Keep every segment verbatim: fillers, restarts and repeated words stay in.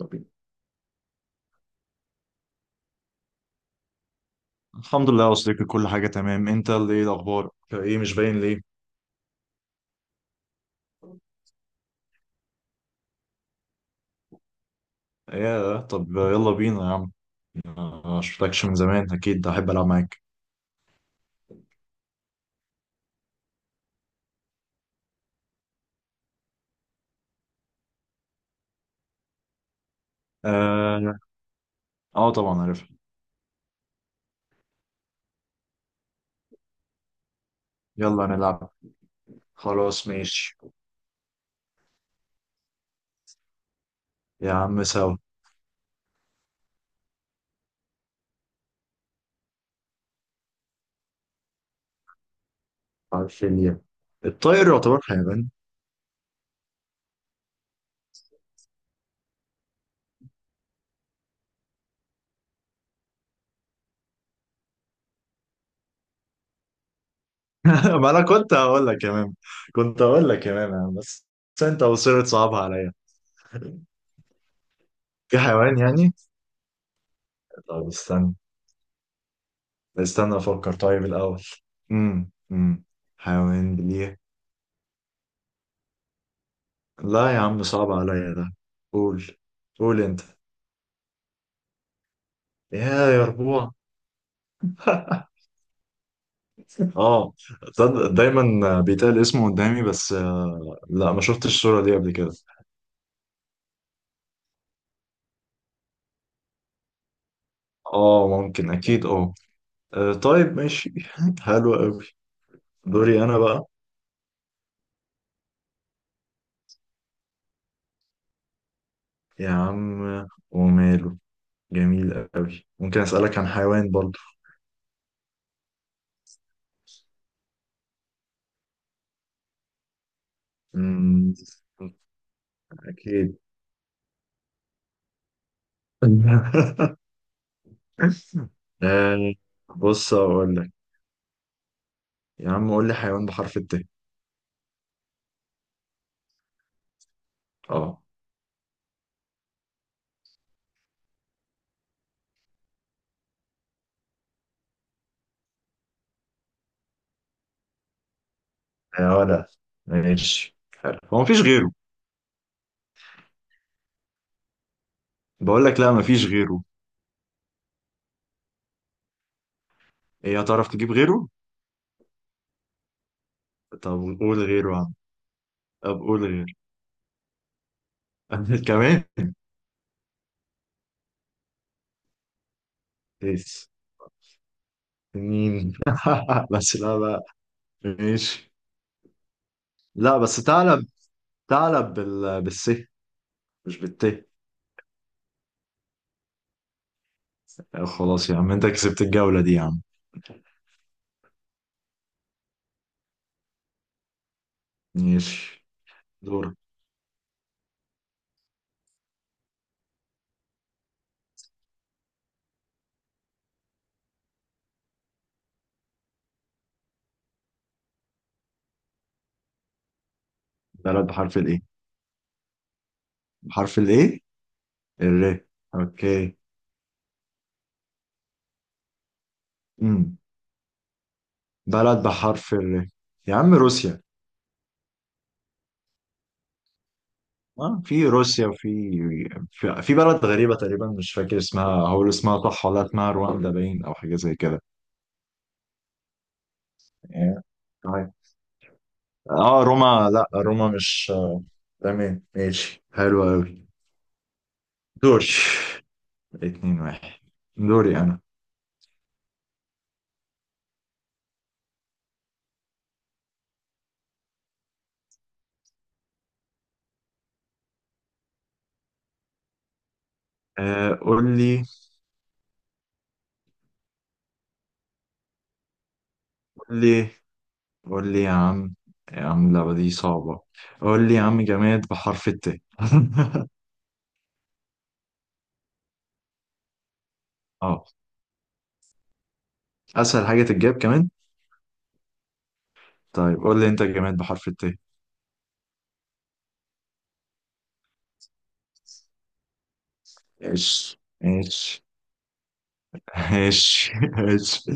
طب. الحمد لله يا صديقي، كل حاجة تمام. انت اللي ايه الأخبار؟ ايه مش باين ليه؟ ايه طب يلا بينا يا عم. ما شفتكش من زمان، أكيد أحب ألعب معاك. اه، آه طبعا عارفها. يلا نلعب. خلاص ماشي. يا عم سوا. عارف ليه؟ الطائر يعتبر حيوان. ما أنا كنت هقول لك يا مام. كنت هقول لك يا مام يا عم، بس. بس انت وصرت صعبها عليا. في حيوان يعني؟ طب استنى. استنى أفكر طيب الأول. امم امم حيوان ليه؟ لا يا عم، صعب عليا ده. قول قول انت. يا يا ربوع. اه، تصدق دايما بيتقال اسمه قدامي، بس آه، لا، ما شفتش الصورة دي قبل كده. اه ممكن، اكيد اه. آه، طيب ماشي. حلو قوي. دوري انا بقى. يا عم وماله. جميل قوي، ممكن اسألك عن حيوان برضو. مم، اكيد. آه، بص اقول لك. يا عم قول لي حيوان بحرف الت. اه يا ولا، ماشي حلو، هو مفيش غيره؟ بقول لك لا، مفيش غيره. ايه هتعرف تجيب غيره؟ طب قول غيره يا عم. طب قول غيره. كمان. بس مين؟ بس لا بقى. ماشي. لا بس تعلب. تعلب بال... بالس. مش بالت. خلاص يا عم انت كسبت الجولة دي يا عم. ماشي. دورك. بلد بحرف الايه؟ بحرف الايه؟ الر. اوكي. امم بلد بحرف الر. يا عم روسيا. اه في روسيا، وفي في, في بلد غريبة تقريبا، مش فاكر اسمها. هقول اسمها صح ولا اسمها رواندا باين او حاجة زي كده؟ آه. طيب. اه روما، لا روما مش آه، تمام ماشي، حلو قوي. دوري. اتنين واحد. دوري انا. آه قول لي قول لي قول لي يا عم. يا عم اللعبة دي صعبة. قول لي يا عم جماد بحرف الت. اه. اسهل حاجة تتجاب كمان. طيب قول لي انت جماد بحرف الت. ايش. ايش. ماشي ماشي.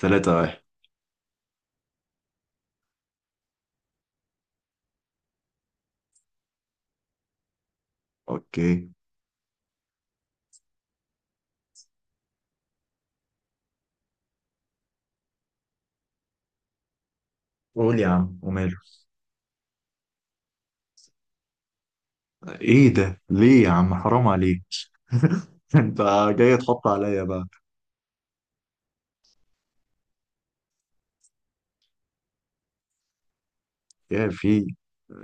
ثلاثة واحد. اوكي. قول يا عم وماله. ايه ده؟ ليه يا عم، حرام عليك. انت جاي تحط عليا بقى. يا في.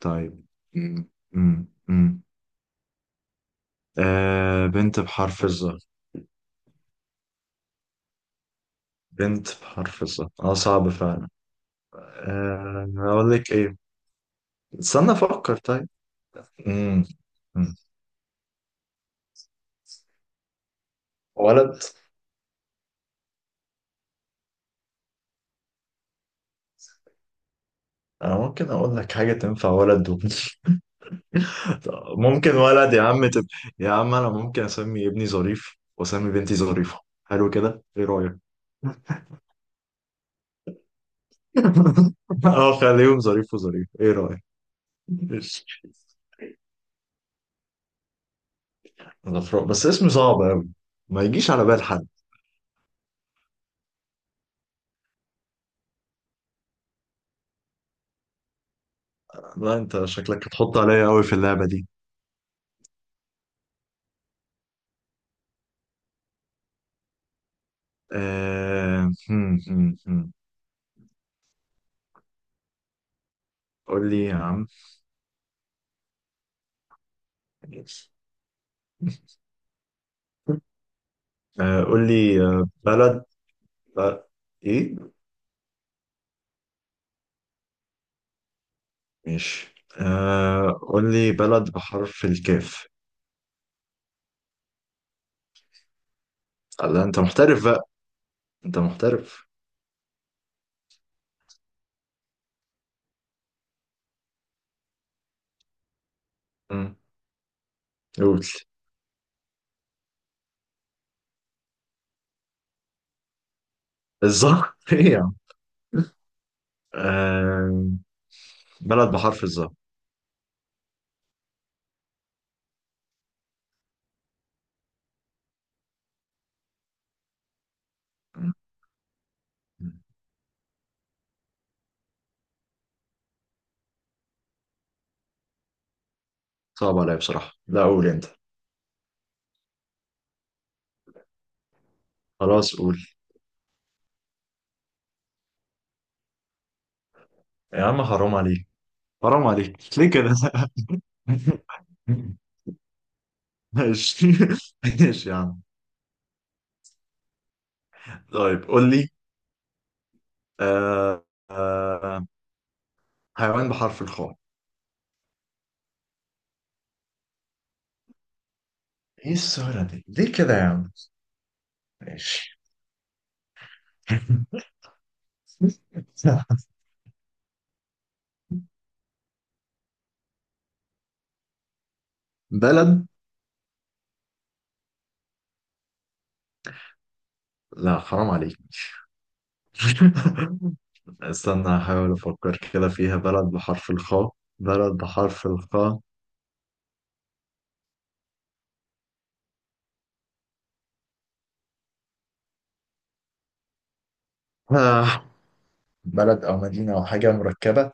طيب. م- م- م. آه بنت بحرف الظهر. بنت بحرف الظهر، اه صعب فعلا. آه اقول لك ايه؟ استنى افكر طيب. م- م. ولد. انا ممكن اقول لك حاجة تنفع ولد. طب ممكن ولد يا عم، تب... يا عم انا ممكن اسمي ابني ظريف واسمي بنتي ظريفة. حلو كده، ايه رأيك؟ اه خليهم ظريف وظريف، ايه رأيك؟ غفران بس اسم صعب قوي، ما يجيش على بال حد. لا انت شكلك هتحط عليا قوي في اللعبة دي. آه... هم، هم، هم. قول لي يا عم. آه... قول لي آه، بلد. ب... ايه؟ ماشي. آه... قول لي بلد بحرف الكاف. لا انت محترف بقى. انت محترف. مم. قول. الظهر. ايه يا عم. آه... بلد بحرف الظهر. صعب عليا بصراحة، لا قول انت. خلاص قول. يا عم حرام عليك. حرام عليك ليه كده؟ ماشي. ماشي يا عم. طيب قول لي. آه... آه... حيوان بحرف الخاء. ايه السهولة دي ليه كده يا عم؟ ماشي. بلد. لا حرام عليك. استنى هحاول أفكر كده فيها، بلد بحرف الخاء. بلد بحرف الخاء. آه. بلد أو مدينة أو حاجة مركبة.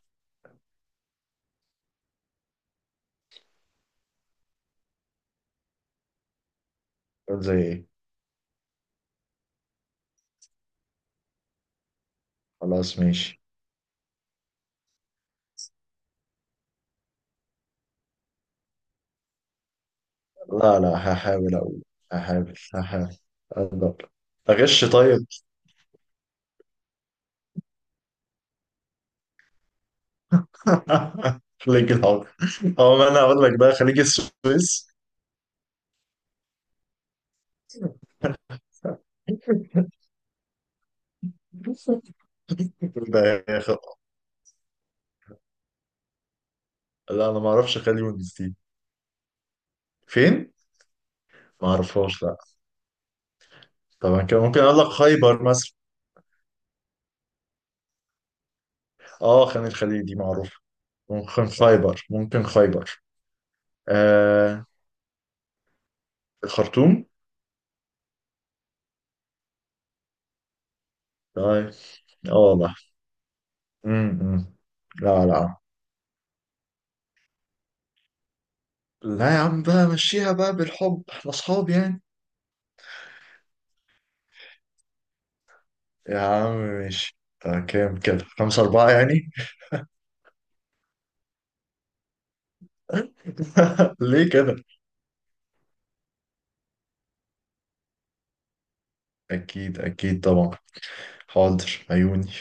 قول زي إيه. خلاص ماشي. لا لا، هحاول أقول. هحاول هحاول أقدر. أغش طيب. خليج العقل. هو ما أنا أقول لك بقى خليج السويس. ده يا أخي. لا أنا ما أعرفش، خليج ونسيت. فين؟ ما أعرفش، لا. طبعا كده ممكن أقول لك خيبر مثلا. اه خان الخليلي دي معروفة. ممكن خيبر ممكن خيبر. آه الخرطوم. طيب. اه والله. امم لا لا، لا يا عم بقى مشيها بقى بالحب، احنا اصحاب يعني. يا عم ماشي. آه كام كده، خمسة أربعة يعني. ليه كده؟ أكيد أكيد طبعا. حاضر عيوني.